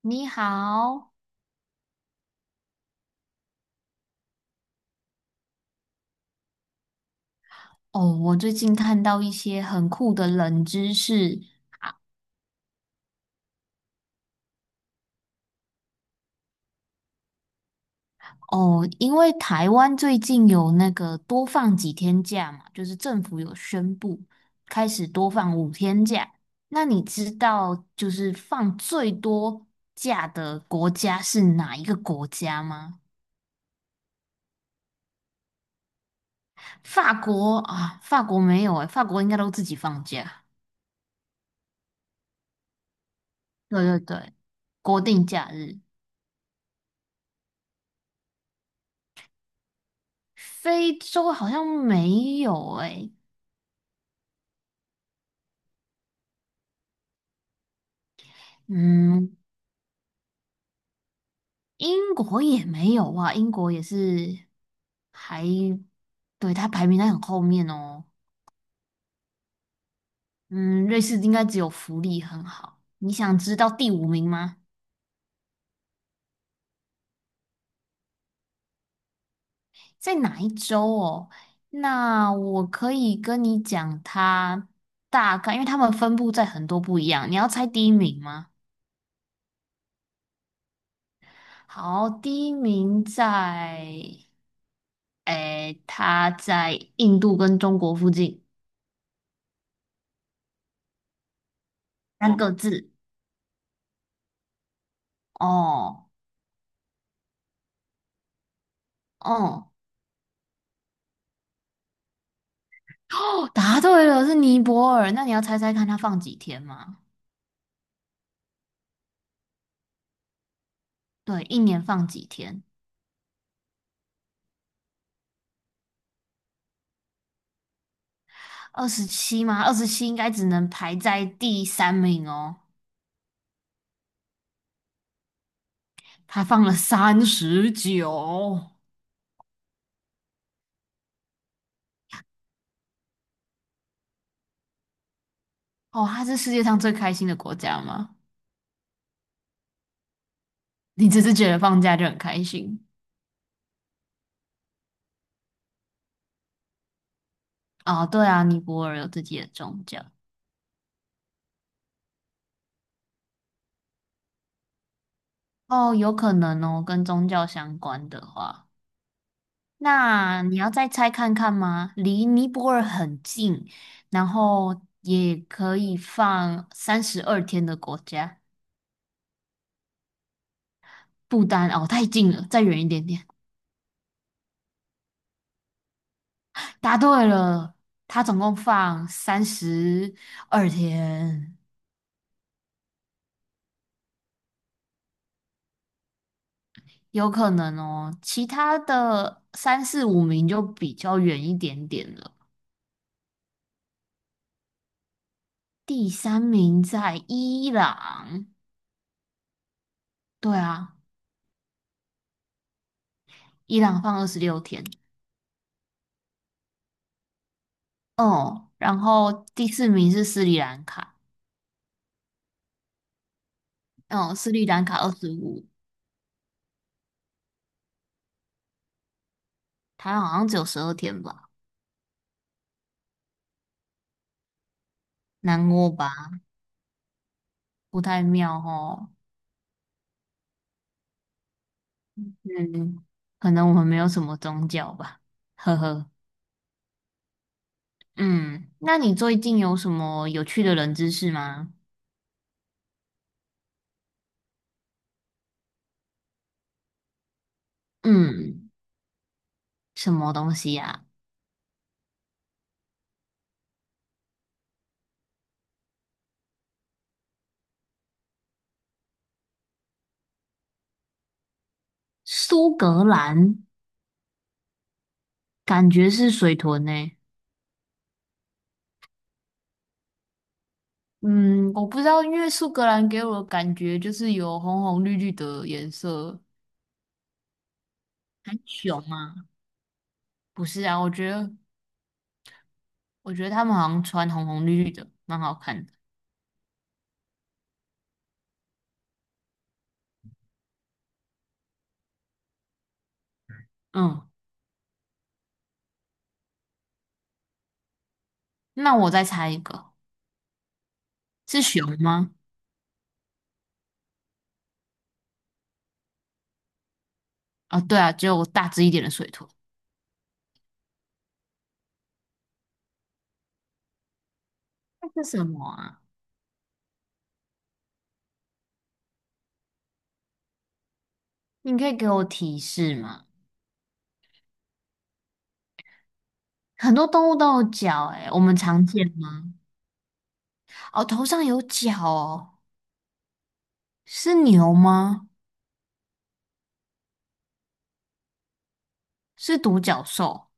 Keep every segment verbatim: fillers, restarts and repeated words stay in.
你好，哦，我最近看到一些很酷的冷知识哦，因为台湾最近有那个多放几天假嘛，就是政府有宣布开始多放五天假。那你知道就是放最多假的国家是哪一个国家吗？法国啊，法国没有诶，法国应该都自己放假。对对对，国定假日。非洲好像没有诶。嗯，英国也没有啊，英国也是还，对，它排名在很后面哦。嗯，瑞士应该只有福利很好。你想知道第五名吗？在哪一州哦？那我可以跟你讲它大概，因为它们分布在很多不一样。你要猜第一名吗？好，第一名在，诶，它在印度跟中国附近，三个字哦，哦。答对了，是尼泊尔。那你要猜猜看，它放几天吗？对，一年放几天？二十七吗？二十七应该只能排在第三名哦。它放了三十九哦，它是世界上最开心的国家吗？你只是觉得放假就很开心哦？对啊，尼泊尔有自己的宗教哦，有可能哦，跟宗教相关的话。那你要再猜看看吗？离尼泊尔很近，然后也可以放三十二天的国家，不丹哦，太近了，再远一点点。答对了，它总共放三十二天，有可能哦。其他的三四五名就比较远一点点了。第三名在伊朗，对啊，伊朗放二十六天。哦，然后第四名是斯里兰卡，哦，斯里兰卡二十五，它好像只有十二天吧，南欧吧，不太妙哦。嗯，可能我们没有什么宗教吧，呵呵。嗯，那你最近有什么有趣的冷知识吗？嗯，什么东西呀、苏格兰感觉是水豚呢、嗯，我不知道，因为苏格兰给我的感觉就是有红红绿绿的颜色，很熊啊。不是啊，我觉得我觉得他们好像穿红红绿绿的，蛮好看的。嗯，那我再猜一个，是熊吗？啊、对啊，只有大只一点的水豚。那是什么啊？你可以给我提示吗？很多动物都有角、欸，诶我们常见吗？哦，头上有角哦，是牛吗？是独角兽？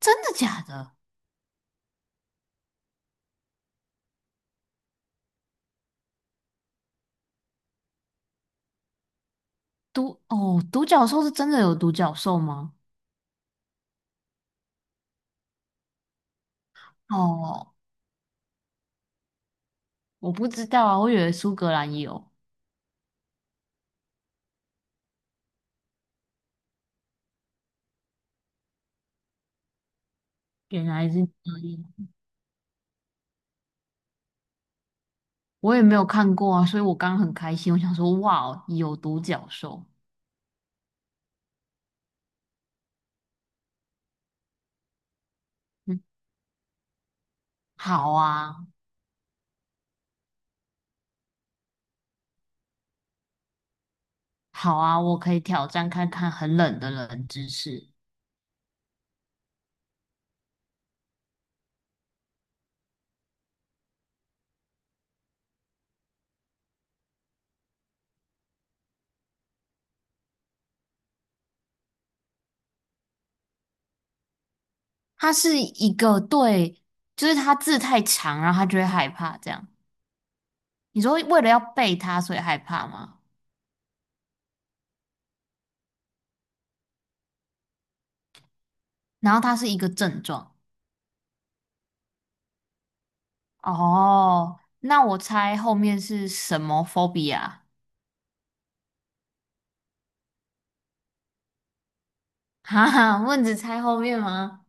真的假的？独哦，独角兽是真的有独角兽吗？哦，我不知道啊，我以为苏格兰有，原来是这样。我也没有看过啊，所以我刚刚很开心，我想说，哇哦，有独角兽，嗯，好啊，好啊，我可以挑战看看很冷的冷知识。它是一个对，就是它字太长，然后它就会害怕这样。你说为了要背它，所以害怕吗？然后它是一个症状。哦，那我猜后面是什么 phobia？哈哈，问只猜后面吗？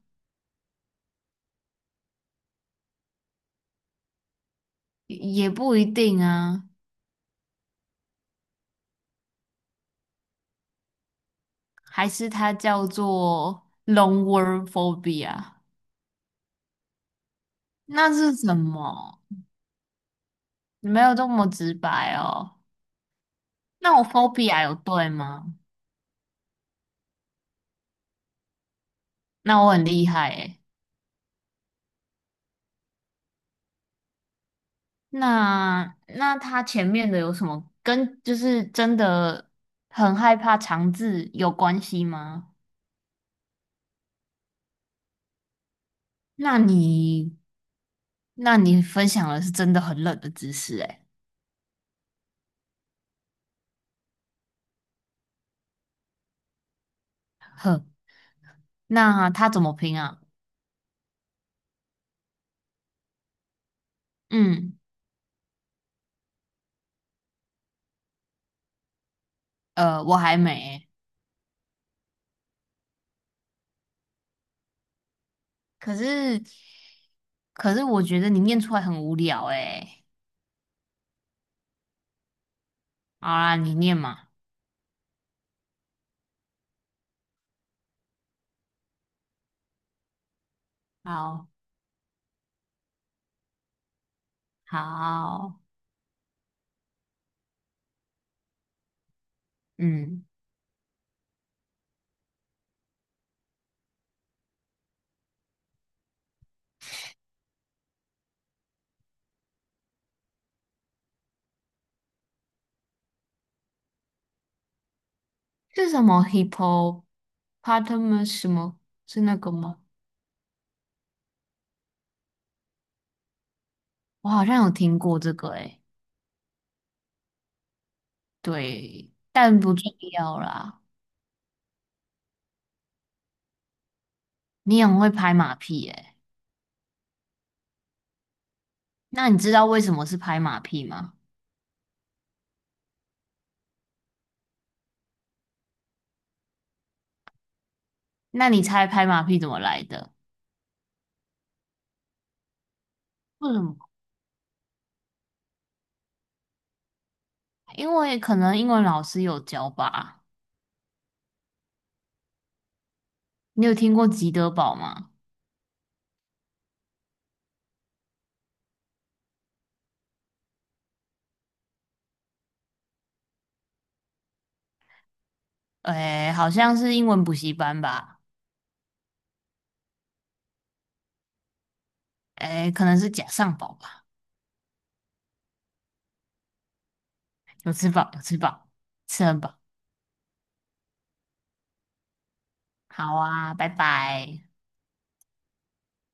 也也不一定啊。还是它叫做 long word phobia？那是什么？你没有这么直白哦。那我 phobia 有对吗？那我很厉害诶。那那它前面的有什么跟就是真的很害怕肠字有关系吗？那你那你分享的是真的很冷的知识诶。哼，那它怎么拼啊？嗯，呃，我还没欸可是，可是我觉得你念出来很无聊诶、好啦，你念嘛。好好，嗯，是什么 h i p p o p a r t a e u s 什么？是那个吗？我好像有听过这个诶、对，但不重要啦。你很会拍马屁诶、那你知道为什么是拍马屁吗？那你猜拍马屁怎么来的？为什么？因为可能英文老师有教吧。你有听过吉德堡吗？哎，好像是英文补习班吧？哎，可能是假上饱吧？有吃饱，有吃饱，吃很饱。好啊，拜拜。